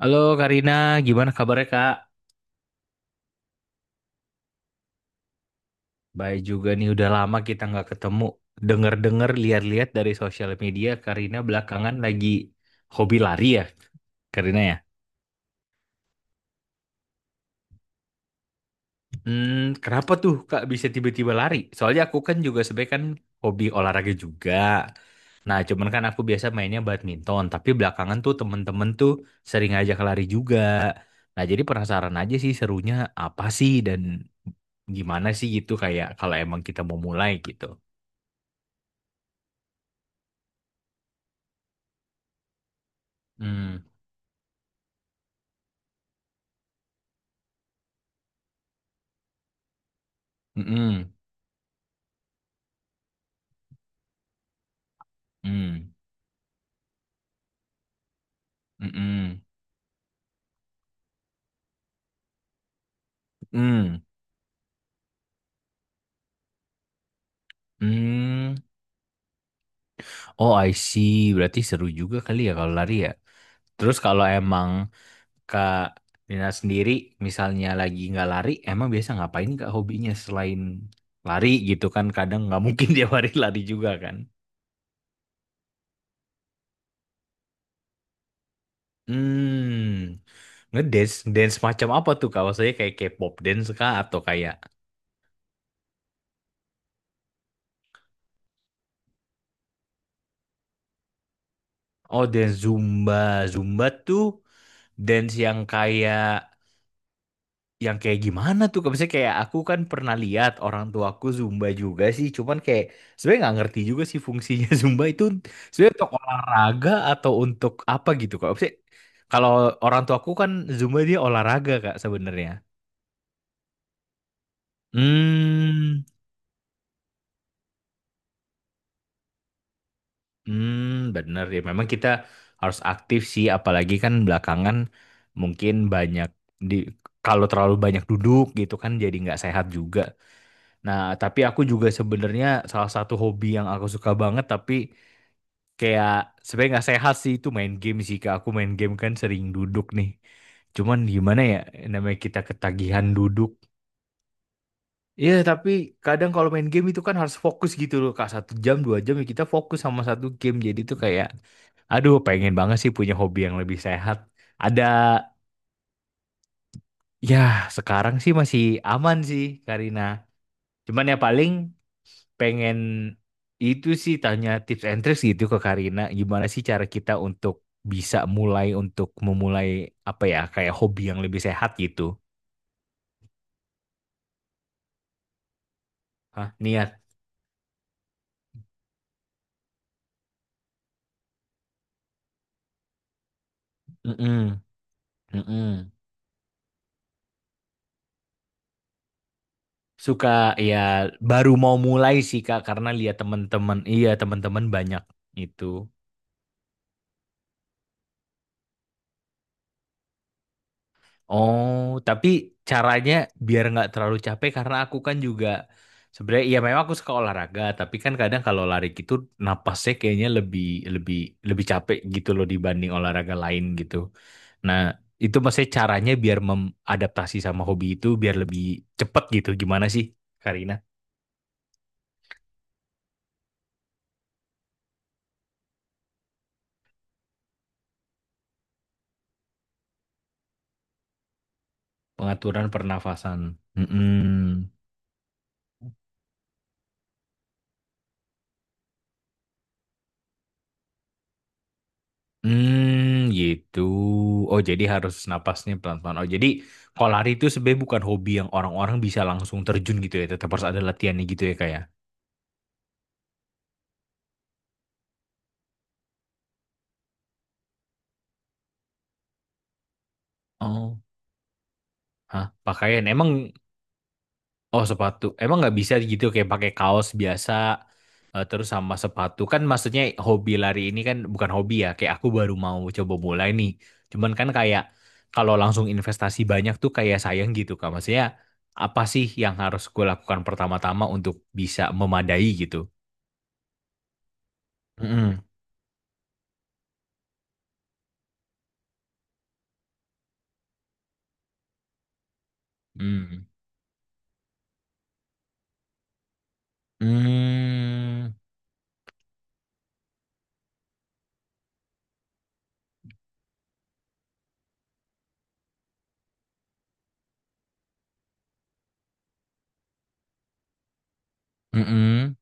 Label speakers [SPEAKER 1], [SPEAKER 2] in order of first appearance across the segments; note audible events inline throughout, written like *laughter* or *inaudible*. [SPEAKER 1] Halo Karina, gimana kabarnya Kak? Baik juga nih, udah lama kita nggak ketemu. Dengar-dengar, lihat-lihat dari sosial media, Karina belakangan lagi hobi lari ya, Karina ya. Hmm, kenapa tuh Kak bisa tiba-tiba lari? Soalnya aku kan juga sebenarnya kan hobi olahraga juga. Nah, cuman kan aku biasa mainnya badminton, tapi belakangan tuh temen-temen tuh sering ngajak lari juga. Nah, jadi penasaran aja sih serunya apa sih dan gimana sih gitu kayak kalau emang kita mau mulai gitu. うんうん、うん、うん、うんhmm. Oh, I see. Berarti seru juga kali ya kalau lari ya. Terus kalau emang Kak Nina sendiri misalnya lagi nggak lari, emang biasa ngapain Kak hobinya selain lari gitu kan? Kadang nggak mungkin *laughs* dia lari lari juga kan. Hmm, ngedance, dance macam apa tuh Kak? Maksudnya kayak K-pop dance Kak atau kayak oh, dance Zumba. Zumba tuh dance yang kayak gimana tuh? Kayak misalnya kayak aku kan pernah lihat orang tuaku Zumba juga sih, cuman kayak sebenarnya nggak ngerti juga sih fungsinya *laughs* Zumba itu sebenarnya untuk olahraga atau untuk apa gitu kak? Maksudnya, kalau orang tuaku kan Zumba dia olahraga kak sebenarnya. Hmm, hmm, bener ya. Memang kita harus aktif sih, apalagi kan belakangan mungkin banyak di kalau terlalu banyak duduk gitu kan jadi nggak sehat juga. Nah, tapi aku juga sebenarnya salah satu hobi yang aku suka banget tapi kayak sebenarnya nggak sehat sih itu main game sih Kak. Aku main game kan sering duduk nih. Cuman gimana ya namanya kita ketagihan duduk. Iya, tapi kadang kalau main game itu kan harus fokus gitu loh Kak. Satu jam, dua jam ya kita fokus sama satu game. Jadi itu kayak aduh pengen banget sih punya hobi yang lebih sehat. Ada ya sekarang sih masih aman sih Karina. Cuman ya paling pengen itu sih tanya tips and tricks gitu ke Karina gimana sih cara kita untuk bisa mulai untuk memulai apa ya kayak hobi yang lebih sehat gitu. Hah, niat. Mm-mm. Mm-mm. Suka ya baru mau mulai sih Kak karena lihat teman-teman iya teman-teman banyak itu. Oh, tapi caranya biar nggak terlalu capek karena aku kan juga sebenarnya ya memang aku suka olahraga, tapi kan kadang kalau lari gitu napasnya kayaknya lebih lebih lebih capek gitu loh dibanding olahraga lain gitu. Nah, itu maksudnya caranya biar mengadaptasi sama hobi itu biar lebih cepet gitu. Gimana sih, Karina? Pengaturan pernafasan. Mm-mm. Hmm, gitu. Oh, jadi harus napasnya pelan-pelan. Oh, jadi kalau lari itu sebenarnya bukan hobi yang orang-orang bisa langsung terjun gitu ya. Tetap harus ada latihannya gitu ya kayak. Oh, hah, pakaian emang oh sepatu. Emang nggak bisa gitu kayak pakai kaos biasa terus sama sepatu. Kan maksudnya hobi lari ini kan bukan hobi ya. Kayak aku baru mau coba mulai nih. Cuman kan kayak kalau langsung investasi banyak tuh kayak sayang gitu Kak. Maksudnya apa sih yang harus gue lakukan pertama-tama untuk bisa memadai gitu? Mhm. Hmm. Mmm, mhm.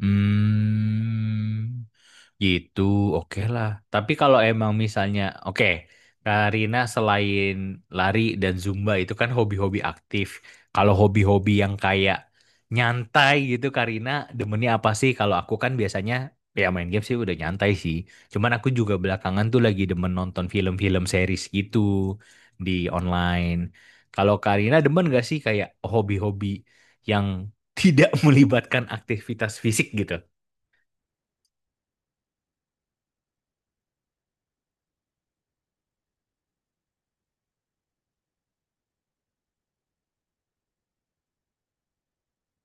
[SPEAKER 1] Hmm. Hmm. Gitu, oke lah. Tapi kalau emang misalnya, oke, Karina selain lari dan Zumba itu kan hobi-hobi aktif. Kalau hobi-hobi yang kayak nyantai gitu, Karina demennya apa sih? Kalau aku kan biasanya ya main game sih udah nyantai sih. Cuman aku juga belakangan tuh lagi demen nonton film-film series gitu di online. Kalau Karina demen gak sih kayak hobi-hobi yang *laughs* tidak melibatkan aktivitas fisik gitu?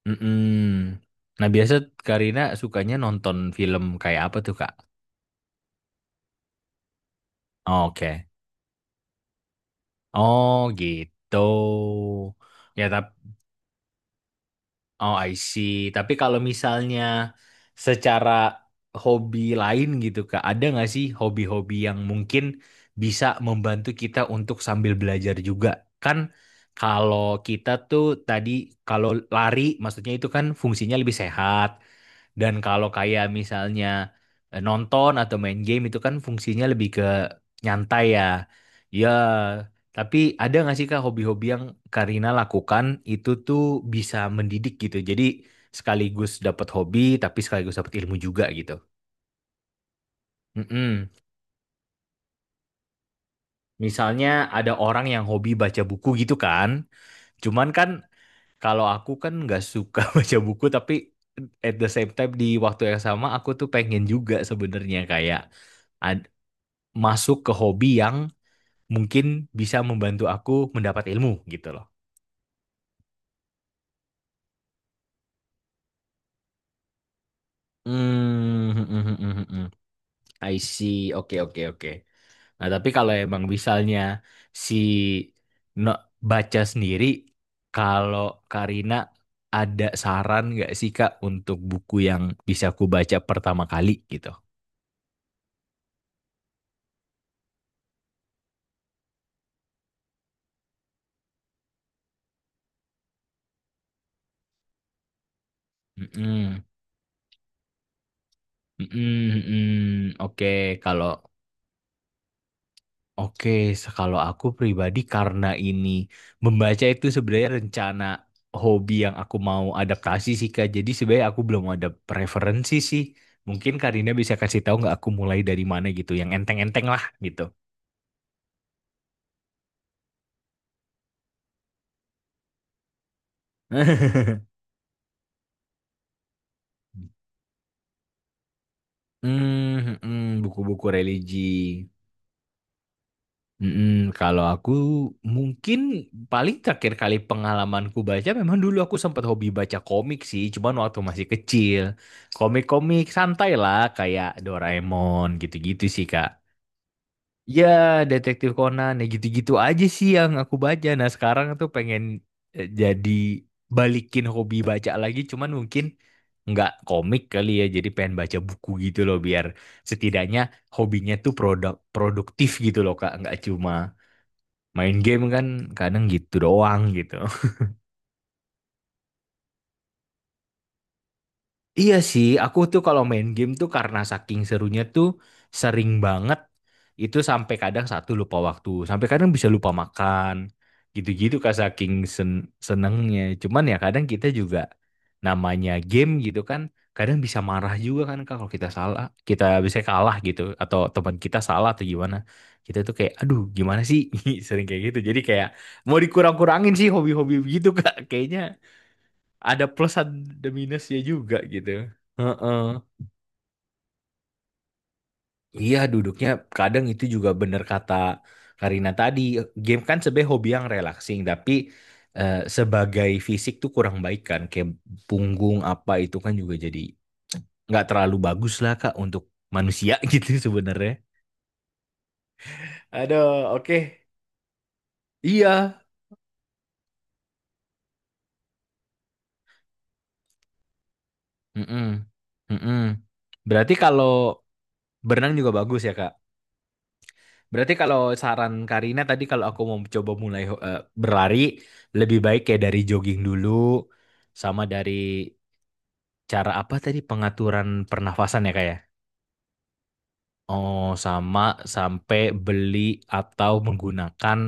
[SPEAKER 1] Mm-mm. Nah, biasa Karina sukanya nonton film kayak apa tuh, Kak? Oke. Oh, gitu. Ya, tapi oh, I see. Tapi kalau misalnya secara hobi lain gitu, Kak, ada nggak sih hobi-hobi yang mungkin bisa membantu kita untuk sambil belajar juga? Kan kalau kita tuh tadi kalau lari, maksudnya itu kan fungsinya lebih sehat. Dan kalau kayak misalnya nonton atau main game itu kan fungsinya lebih ke nyantai ya. Ya, tapi ada nggak sih Kak hobi-hobi yang Karina lakukan itu tuh bisa mendidik gitu. Jadi sekaligus dapat hobi tapi sekaligus dapat ilmu juga gitu. Mm-mm. Misalnya ada orang yang hobi baca buku gitu kan. Cuman kan kalau aku kan nggak suka *laughs* baca buku tapi at the same time di waktu yang sama aku tuh pengen juga sebenarnya kayak ad- masuk ke hobi yang mungkin bisa membantu aku mendapat ilmu gitu loh. Hmm, hmm, hmm, hmm, hmm, hmm. I see. Oke, oke, oke. Nah, tapi kalau emang misalnya si no, baca sendiri, kalau Karina ada saran nggak sih Kak untuk buku yang bisa aku baca pertama kali gitu? Hmm, hmm, hmm, hmm, hmm. Oke, kalau oke, se- kalau aku pribadi karena ini membaca itu sebenarnya rencana hobi yang aku mau adaptasi sih Kak. Jadi sebenarnya aku belum ada preferensi sih. Mungkin Karina bisa kasih tahu nggak aku mulai dari mana gitu, yang enteng-enteng lah gitu. *laughs* Hmm, hmm, buku-buku religi. Mm-mm, kalau aku mungkin paling terakhir kali pengalamanku baca memang dulu aku sempat hobi baca komik sih, cuman waktu masih kecil. Komik-komik santai lah kayak Doraemon gitu-gitu sih Kak. Ya, Detektif Conan ya gitu-gitu aja sih yang aku baca. Nah, sekarang tuh pengen jadi balikin hobi baca lagi, cuman mungkin nggak komik kali ya, jadi pengen baca buku gitu loh biar setidaknya hobinya tuh produktif gitu loh Kak, nggak cuma main game kan kadang gitu doang gitu. *laughs* Iya sih, aku tuh kalau main game tuh karena saking serunya tuh sering banget itu sampai kadang satu lupa waktu, sampai kadang bisa lupa makan. Gitu-gitu kak saking senengnya. Cuman ya kadang kita juga namanya game gitu kan, kadang bisa marah juga kan Kak, kalau kita salah, kita bisa kalah gitu atau teman kita salah atau gimana. Kita tuh kayak aduh gimana sih? *laughs* Sering kayak gitu. Jadi kayak mau dikurang-kurangin sih hobi-hobi gitu Kak kayaknya ada plus ada minusnya juga gitu. Heeh. Iya duduknya kadang itu juga bener kata Karina tadi. Game kan sebagai hobi yang relaxing tapi sebagai fisik tuh kurang baik kan. Kayak punggung apa itu kan juga jadi nggak terlalu bagus lah Kak untuk manusia *laughs* gitu sebenarnya. Aduh, oke. Iya. Mm-mm. Mm-mm. Berarti kalau berenang juga bagus ya Kak? Berarti kalau saran Karina tadi kalau aku mau coba mulai berlari lebih baik kayak dari jogging dulu sama dari cara apa tadi pengaturan pernafasan ya kayak. Oh, sama sampai beli atau menggunakan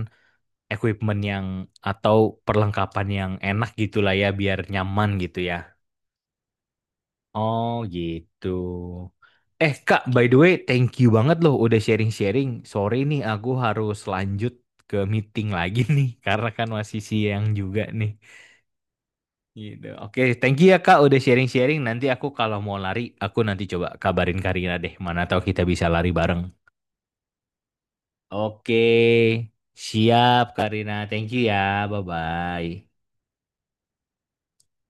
[SPEAKER 1] equipment yang atau perlengkapan yang enak gitulah ya biar nyaman gitu ya. Oh gitu. Eh Kak, by the way, thank you banget loh udah sharing-sharing. Sorry nih, aku harus lanjut ke meeting lagi nih, *laughs* karena kan masih siang juga nih. Gitu. Oke, thank you ya Kak udah sharing-sharing. Nanti aku kalau mau lari, aku nanti coba kabarin Karina deh. Mana tahu kita bisa lari bareng. Oke, siap Karina. Thank you ya. Bye-bye.